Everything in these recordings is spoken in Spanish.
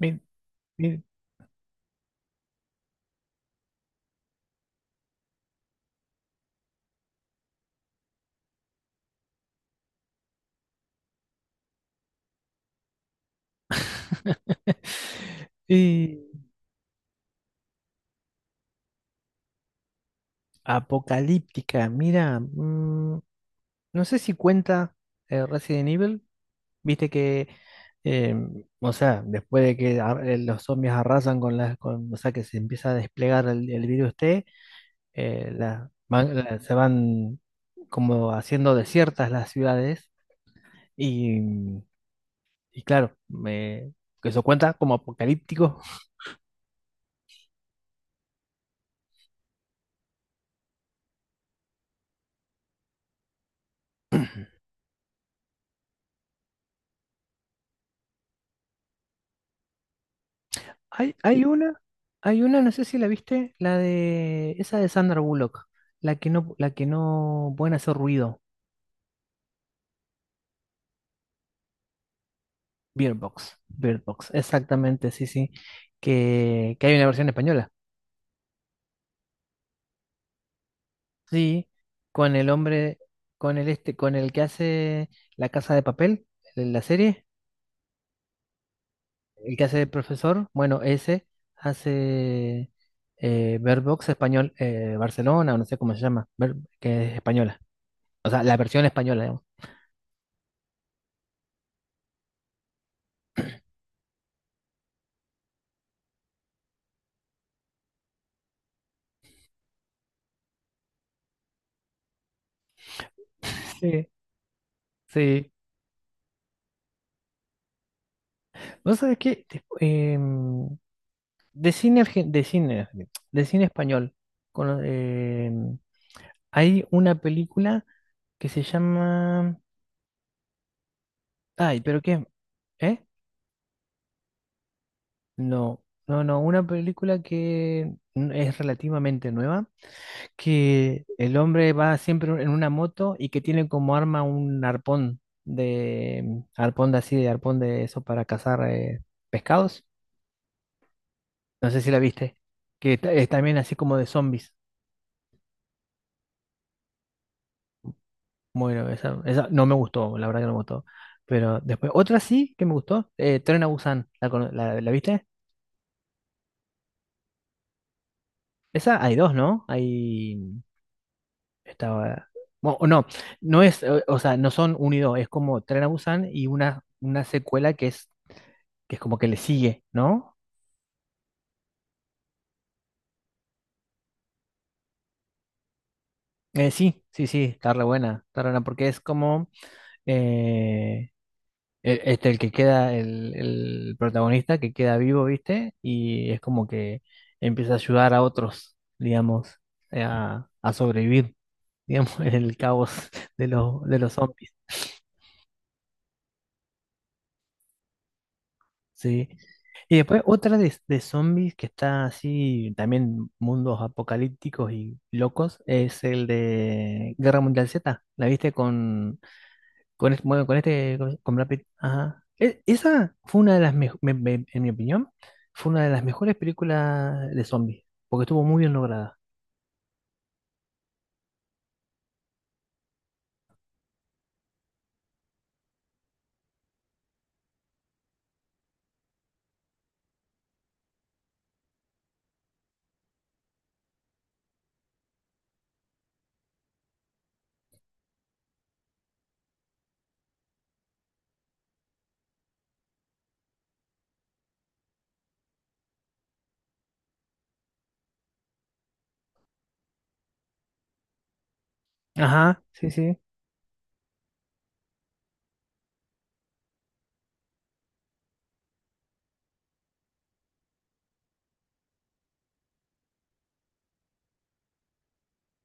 Mi- mi- eh, Apocalíptica, mira, no sé si cuenta Resident Evil, viste que, eh, o sea, después de que los zombies arrasan con las, con, o sea, que se empieza a desplegar el virus T, se van como haciendo desiertas las ciudades y, y claro, me, que eso cuenta como apocalíptico. Hay, hay una, hay una, no sé si la viste, la de esa de Sandra Bullock, la que no pueden hacer ruido, Bird Box, Bird Box, exactamente, sí, sí, que hay una versión española, sí, con el hombre, con el este, con el que hace La Casa de Papel, en la serie, el que hace de profesor, bueno, ese hace Bird Box español, Barcelona, o no sé cómo se llama, Bird- que es española, o sea, la versión española, digamos. Sí. Sí, vos sabés que de cine argen- de cine español cono- em, hay una película que se llama ay, pero qué, ¿eh? No, no, no, una película que es relativamente nueva, que el hombre va siempre en una moto y que tiene como arma un arpón de arpón de así, de arpón de eso para cazar pescados. No sé si la viste, que es también así como de zombies. Bueno, esa no me gustó, la verdad que no me gustó. Pero después, otra sí que me gustó, Tren a Busan, ¿la, la viste? Esa hay dos, ¿no? Hay, estaba, bueno, o no, no es, o sea, no son un y dos, es como Tren a Busan y una secuela que es como que le sigue, ¿no? Sí, sí, sí, está re buena, porque es como, eh, este, el que queda, el protagonista que queda vivo, ¿viste? Y es como que empieza a ayudar a otros, digamos, a sobrevivir, digamos, en el caos de los zombies, ¿sí? Y después otra de zombies que está así, también mundos apocalípticos y locos, es el de Guerra Mundial Z. ¿La viste con, bueno, con este, con Brad Pitt? Ajá. Esa fue una de las mejores, en mi opinión, fue una de las mejores películas de zombies, porque estuvo muy bien lograda. Ajá, sí, sí.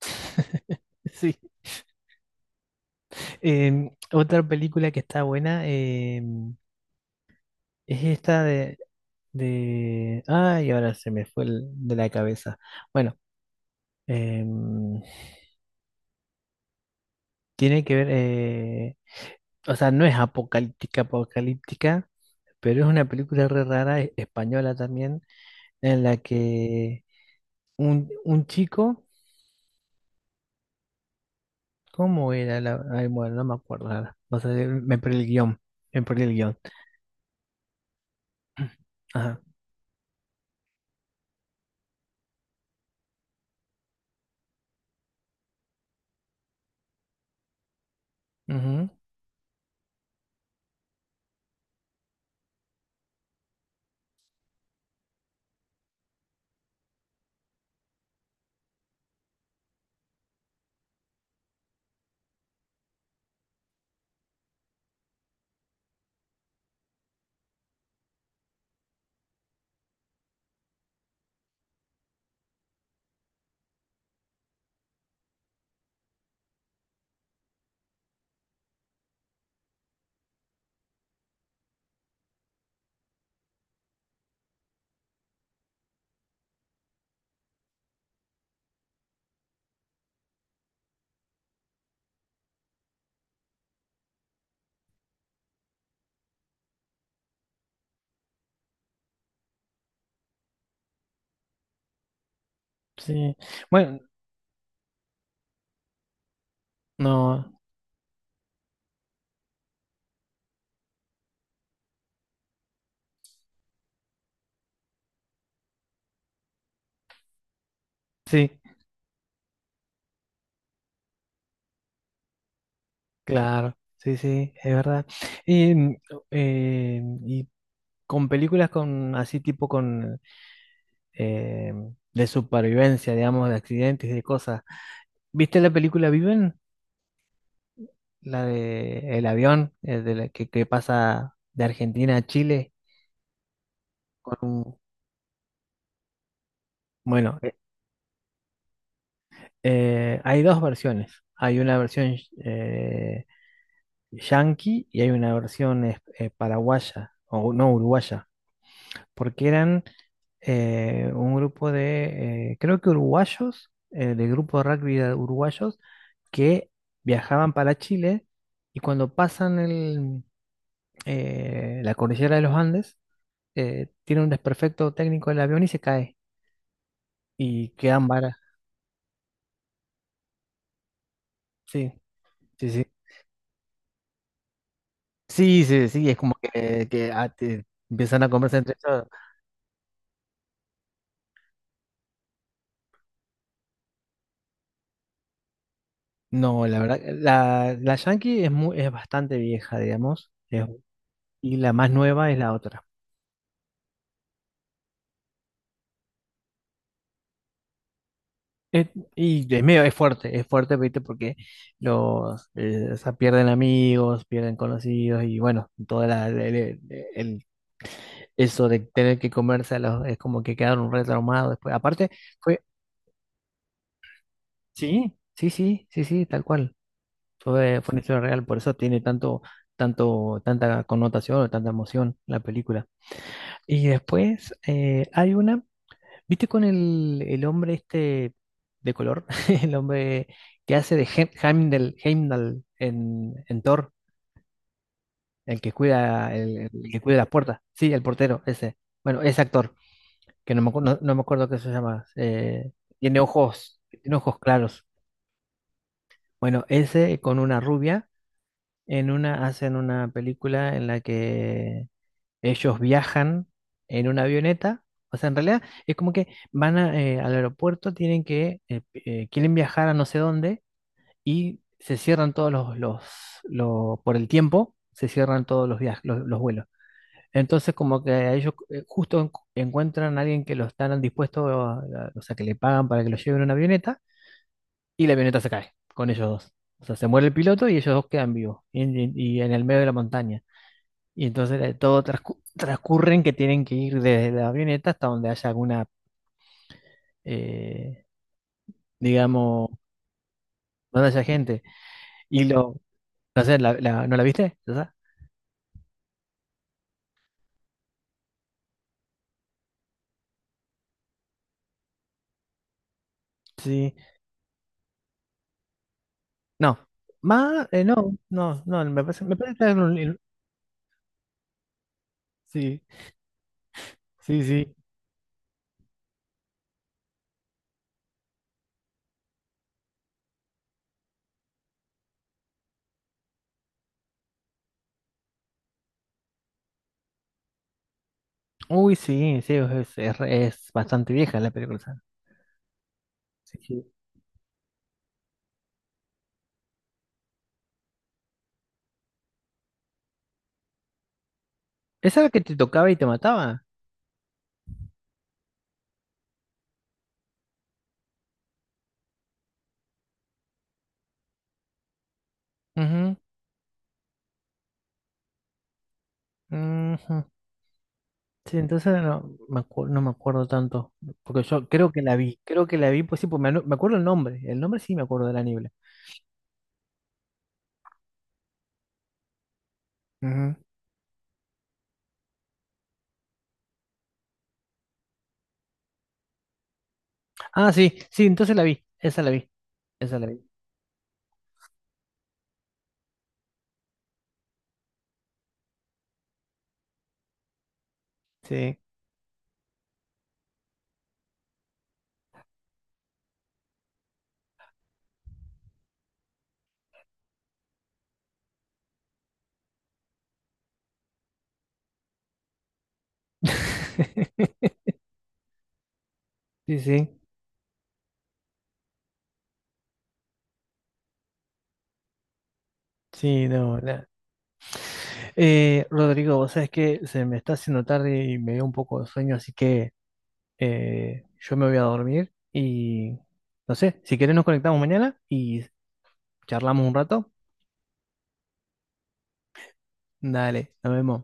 Sí. Em, otra película que está buena em, es esta de... Ay, ahora se me fue de la cabeza. Bueno, em, tiene que ver... o sea, no es apocalíptica, apocalíptica, pero es una película re rara, española también, en la que un chico, ¿cómo era la? Ay, bueno, no me acuerdo ahora. O sea, me perdí el guión. Me perdí el guión. Ajá. Ujú. Sí. Bueno, no. Sí, claro. Sí, sí, es verdad. Y, y con películas con así tipo con eh, de supervivencia, digamos, de accidentes, de cosas. ¿Viste la película Viven? La de el avión, de la que pasa de Argentina a Chile con un, bueno, hay dos versiones. Hay una versión eh, yanqui y hay una versión paraguaya, o no uruguaya, porque eran un grupo de, creo que uruguayos, del grupo de rugby de uruguayos, que viajaban para Chile y cuando pasan la cordillera de los Andes, tiene un desperfecto técnico del avión y se cae y quedan varas. Sí, sí, sí. Sí, sí, sí, es como que, ah, empiezan a conversar entre ellos. No, la verdad, la, la Yankee es, muy, es bastante vieja, digamos, es- y la más nueva es la otra. Es- y es medio, es fuerte, ¿viste? Porque los, o sea, pierden amigos, pierden conocidos, y bueno, toda la, el, el- eso de tener que comerse a los, es como que quedaron re traumados después. Aparte, fue, sí, sí, sí, sí, sí, tal cual. Fue, fue una historia real, por eso tiene tanto, tanto, tanta connotación o tanta emoción la película. Y después hay una, ¿viste con el hombre este de color? El hombre que hace de Heimdall, Heimdall en Thor, el que cuida las puertas. Sí, el portero, ese. Bueno, ese actor, que no me, no, no me acuerdo qué se llama. Tiene ojos claros. Bueno, ese con una rubia en una hacen una película en la que ellos viajan en una avioneta. O sea, en realidad es como que van a, al aeropuerto, tienen que, quieren viajar a no sé dónde y se cierran todos los, por el tiempo, se cierran todos los viajes, los vuelos. Entonces, como que a ellos justo encuentran a alguien que lo están dispuesto, o sea, que le pagan para que lo lleven en una avioneta y la avioneta se cae con ellos dos. O sea, se muere el piloto y ellos dos quedan vivos y, y en el medio de la montaña. Y entonces todo transcurre en que tienen que ir desde la avioneta hasta donde haya alguna, eh, digamos, donde haya gente. Y lo, no sé, ¿no la viste? ¿Verdad? Sí, no. Más, no, no, no, me parece que era en un libro. Sí, sí, sí. Uy, sí, sí, es, es bastante vieja la película. Esa. Sí, sí. ¿Esa era la que te tocaba y te mataba? Ujú, ujú. Sí, entonces no me no me acuerdo tanto, porque yo creo que la vi, creo que la vi, pues sí, pues me, me acuerdo el nombre sí me acuerdo de la niebla. Ujú. Ah, sí, sí, entonces la vi, esa la vi, esa la vi, sí. Sí, sí, sí, no, la- Rodrigo, vos sabés que se me está haciendo tarde y me dio un poco de sueño, así que yo me voy a dormir y no sé, si querés nos conectamos mañana y charlamos un rato. Dale, nos vemos.